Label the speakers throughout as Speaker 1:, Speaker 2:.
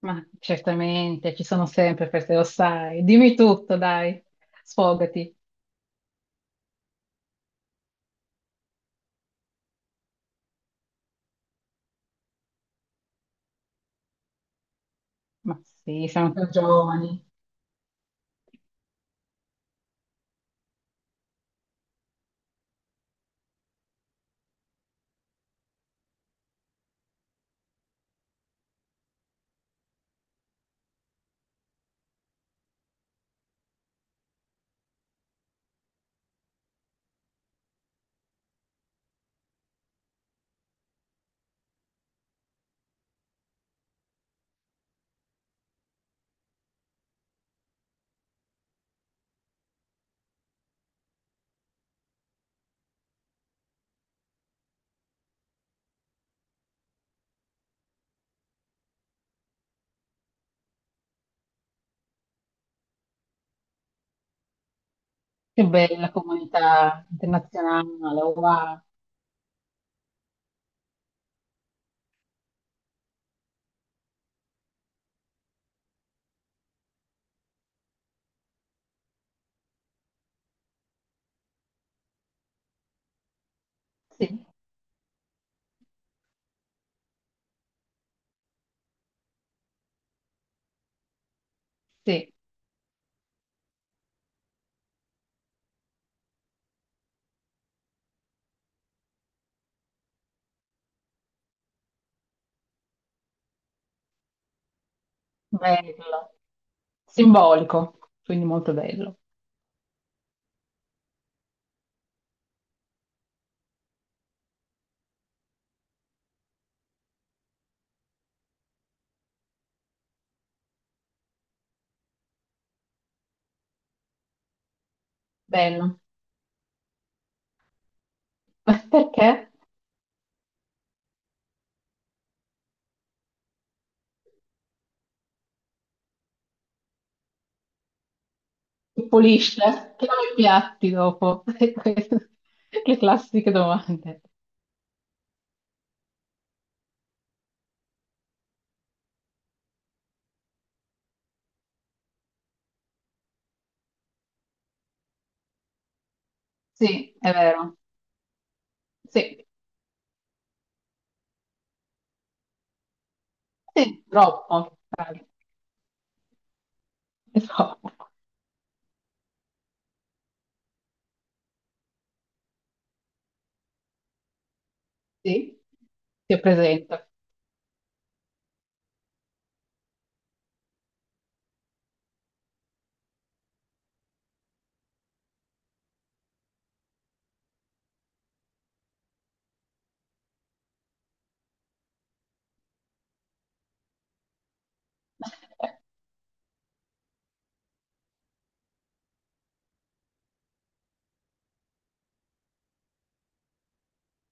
Speaker 1: Ma certamente, ci sono sempre feste, lo sai. Dimmi tutto, dai, sfogati. Ma sì, siamo più giovani. Che bella comunità internazionale, wow. Sì, sì, bello. Simbolico, quindi molto bello. Bello. Perché? Che pulisce, che lava i piatti dopo. Le classiche domande. Sì, è vero. Sì, sì, troppo, dai, è troppo. Sì, ti presento.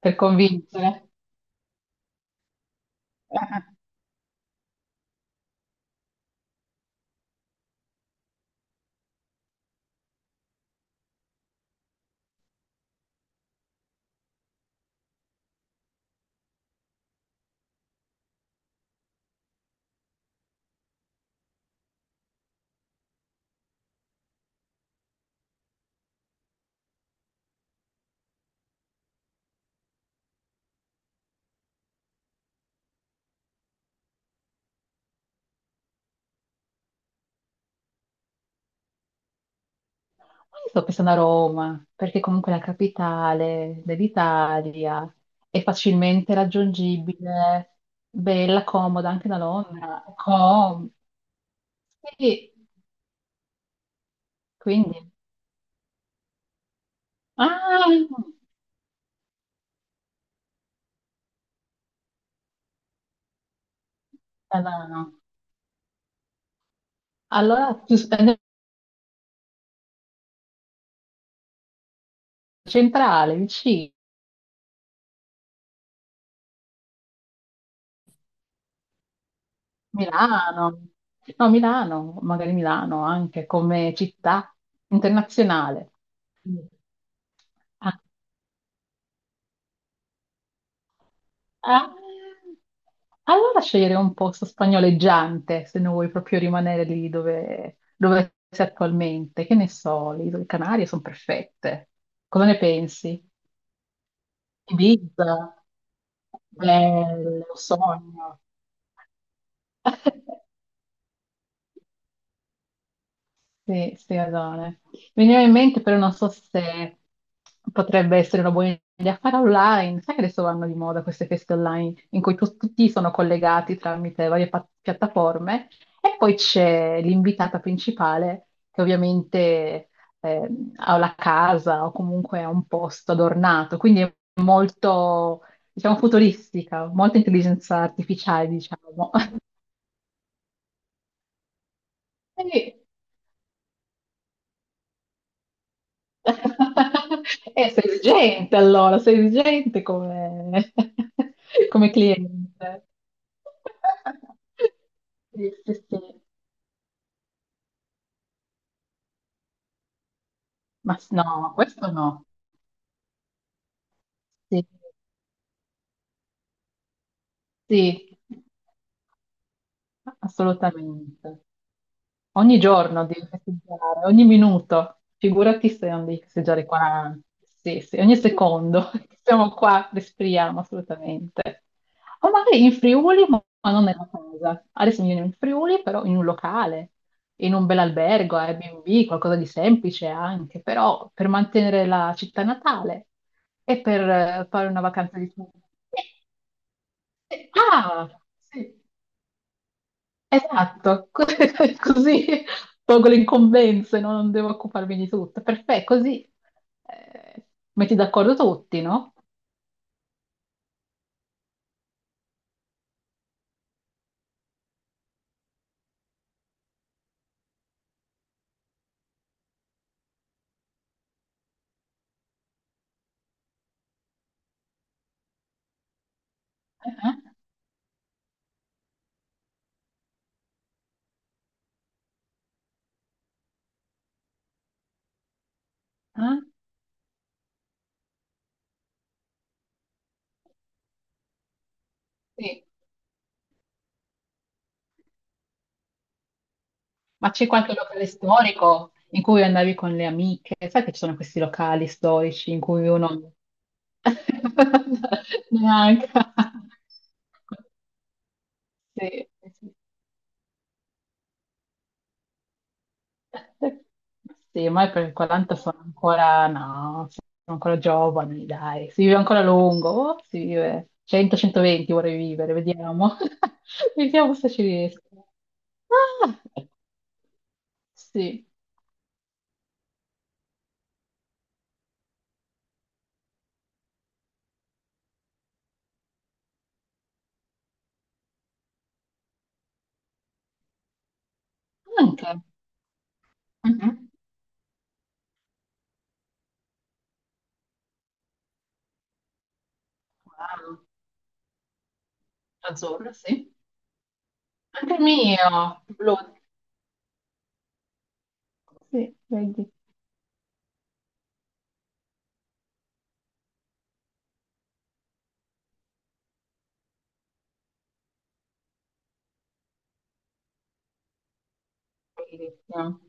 Speaker 1: Per convincere. Io sto pensando a Roma, perché comunque è la capitale dell'Italia, è facilmente raggiungibile, bella, comoda anche da Londra. Sì, quindi... Ah, no, no. Allora, centrale, vicino, Milano. No, Milano, magari Milano anche come città internazionale. Ah, allora scegliere un posto spagnoleggiante, se non vuoi proprio rimanere lì dove sei attualmente. Che ne so, le isole Canarie sono perfette. Cosa ne pensi? Ibiza? Bello, sogno. Sì, sì, Adone. Mi veniva in mente, però non so se potrebbe essere una buona idea fare online. Sai che adesso vanno di moda queste feste online in cui tutti sono collegati tramite varie piattaforme e poi c'è l'invitata principale che ovviamente eh, ha la casa o comunque ha un posto adornato, quindi è molto, diciamo, futuristica, molta intelligenza artificiale, diciamo. Sì, Sei vigente allora, sei vigente come, come cliente. Sì, sì, sì. No, ma questo no. Sì, sì, assolutamente. Ogni giorno devi festeggiare, ogni minuto. Figurati se non devi festeggiare qua, sì, sì, ogni secondo. Siamo qua, respiriamo assolutamente. O magari in Friuli, ma non nella casa. Adesso mi viene in Friuli, però in un locale, in un bel albergo, Airbnb, qualcosa di semplice anche, però per mantenere la città natale e per fare una vacanza di... Eh, ah, sì. Esatto, così tolgo le incombenze, no? Non devo occuparmi di tutto. Perfetto, così eh, metti d'accordo tutti, no? Eh, eh, eh, sì. Ma c'è qualche locale storico in cui andavi con le amiche? Sai che ci sono questi locali storici in cui uno... Neanche. Sì, sì, sì. Sì, ma per i 40 sono ancora, no, sono ancora giovani, dai, si vive ancora a lungo, oh, si vive 100-120 vorrei vivere, vediamo, vediamo se ci riesco. Ah, sì, anche. Mhm. Wow, azzurro, sì. Anche il mio, blu. Sì, vedi. Bellissimo.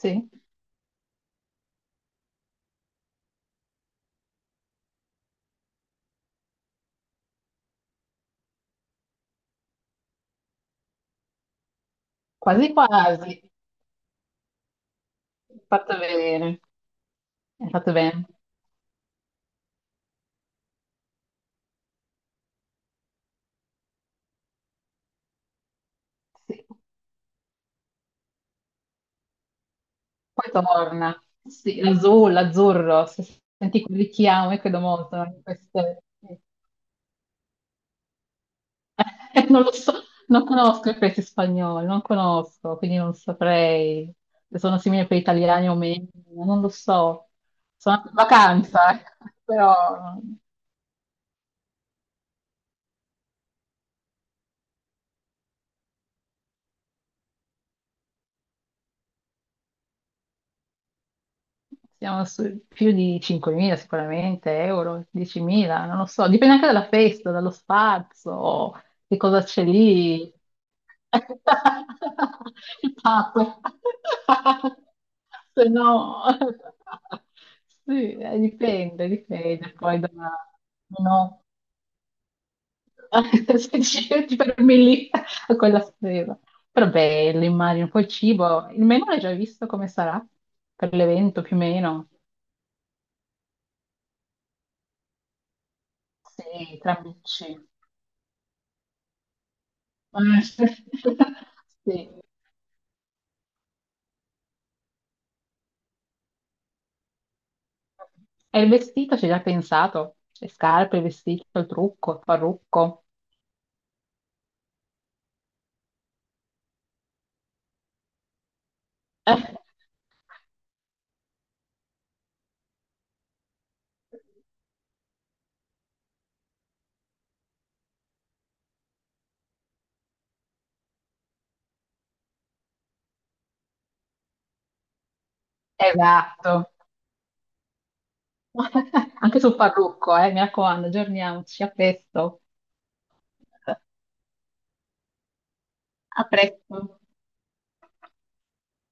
Speaker 1: Sì, quasi quasi. Fatto bene, hai fatto bene. Sì. Poi torna. Sì, l'azzurro, l'azzurro, se senti quel richiamo, io credo molto in queste... Non lo so, non conosco il paese spagnolo, non conosco, quindi non saprei se sono simili per gli italiani o meno, non lo so. Sono andata in vacanza, però siamo su più di 5.000 sicuramente, euro, 10.000, non lo so, dipende anche dalla festa, dallo spazio, che cosa c'è lì. Il Papa. Se no, sì, dipende poi da... No, se ci fermi lì a quella spesa. Però bello, immagino, poi il cibo, il menù l'hai già visto come sarà per l'evento più o meno? Sì, tra amici. Eh, Sì. E il vestito ci hai già pensato? Le scarpe, il vestito, il trucco, il parrucco. Eh, Esatto. Anche sul parrucco, mi raccomando, aggiorniamoci. A presto. A presto.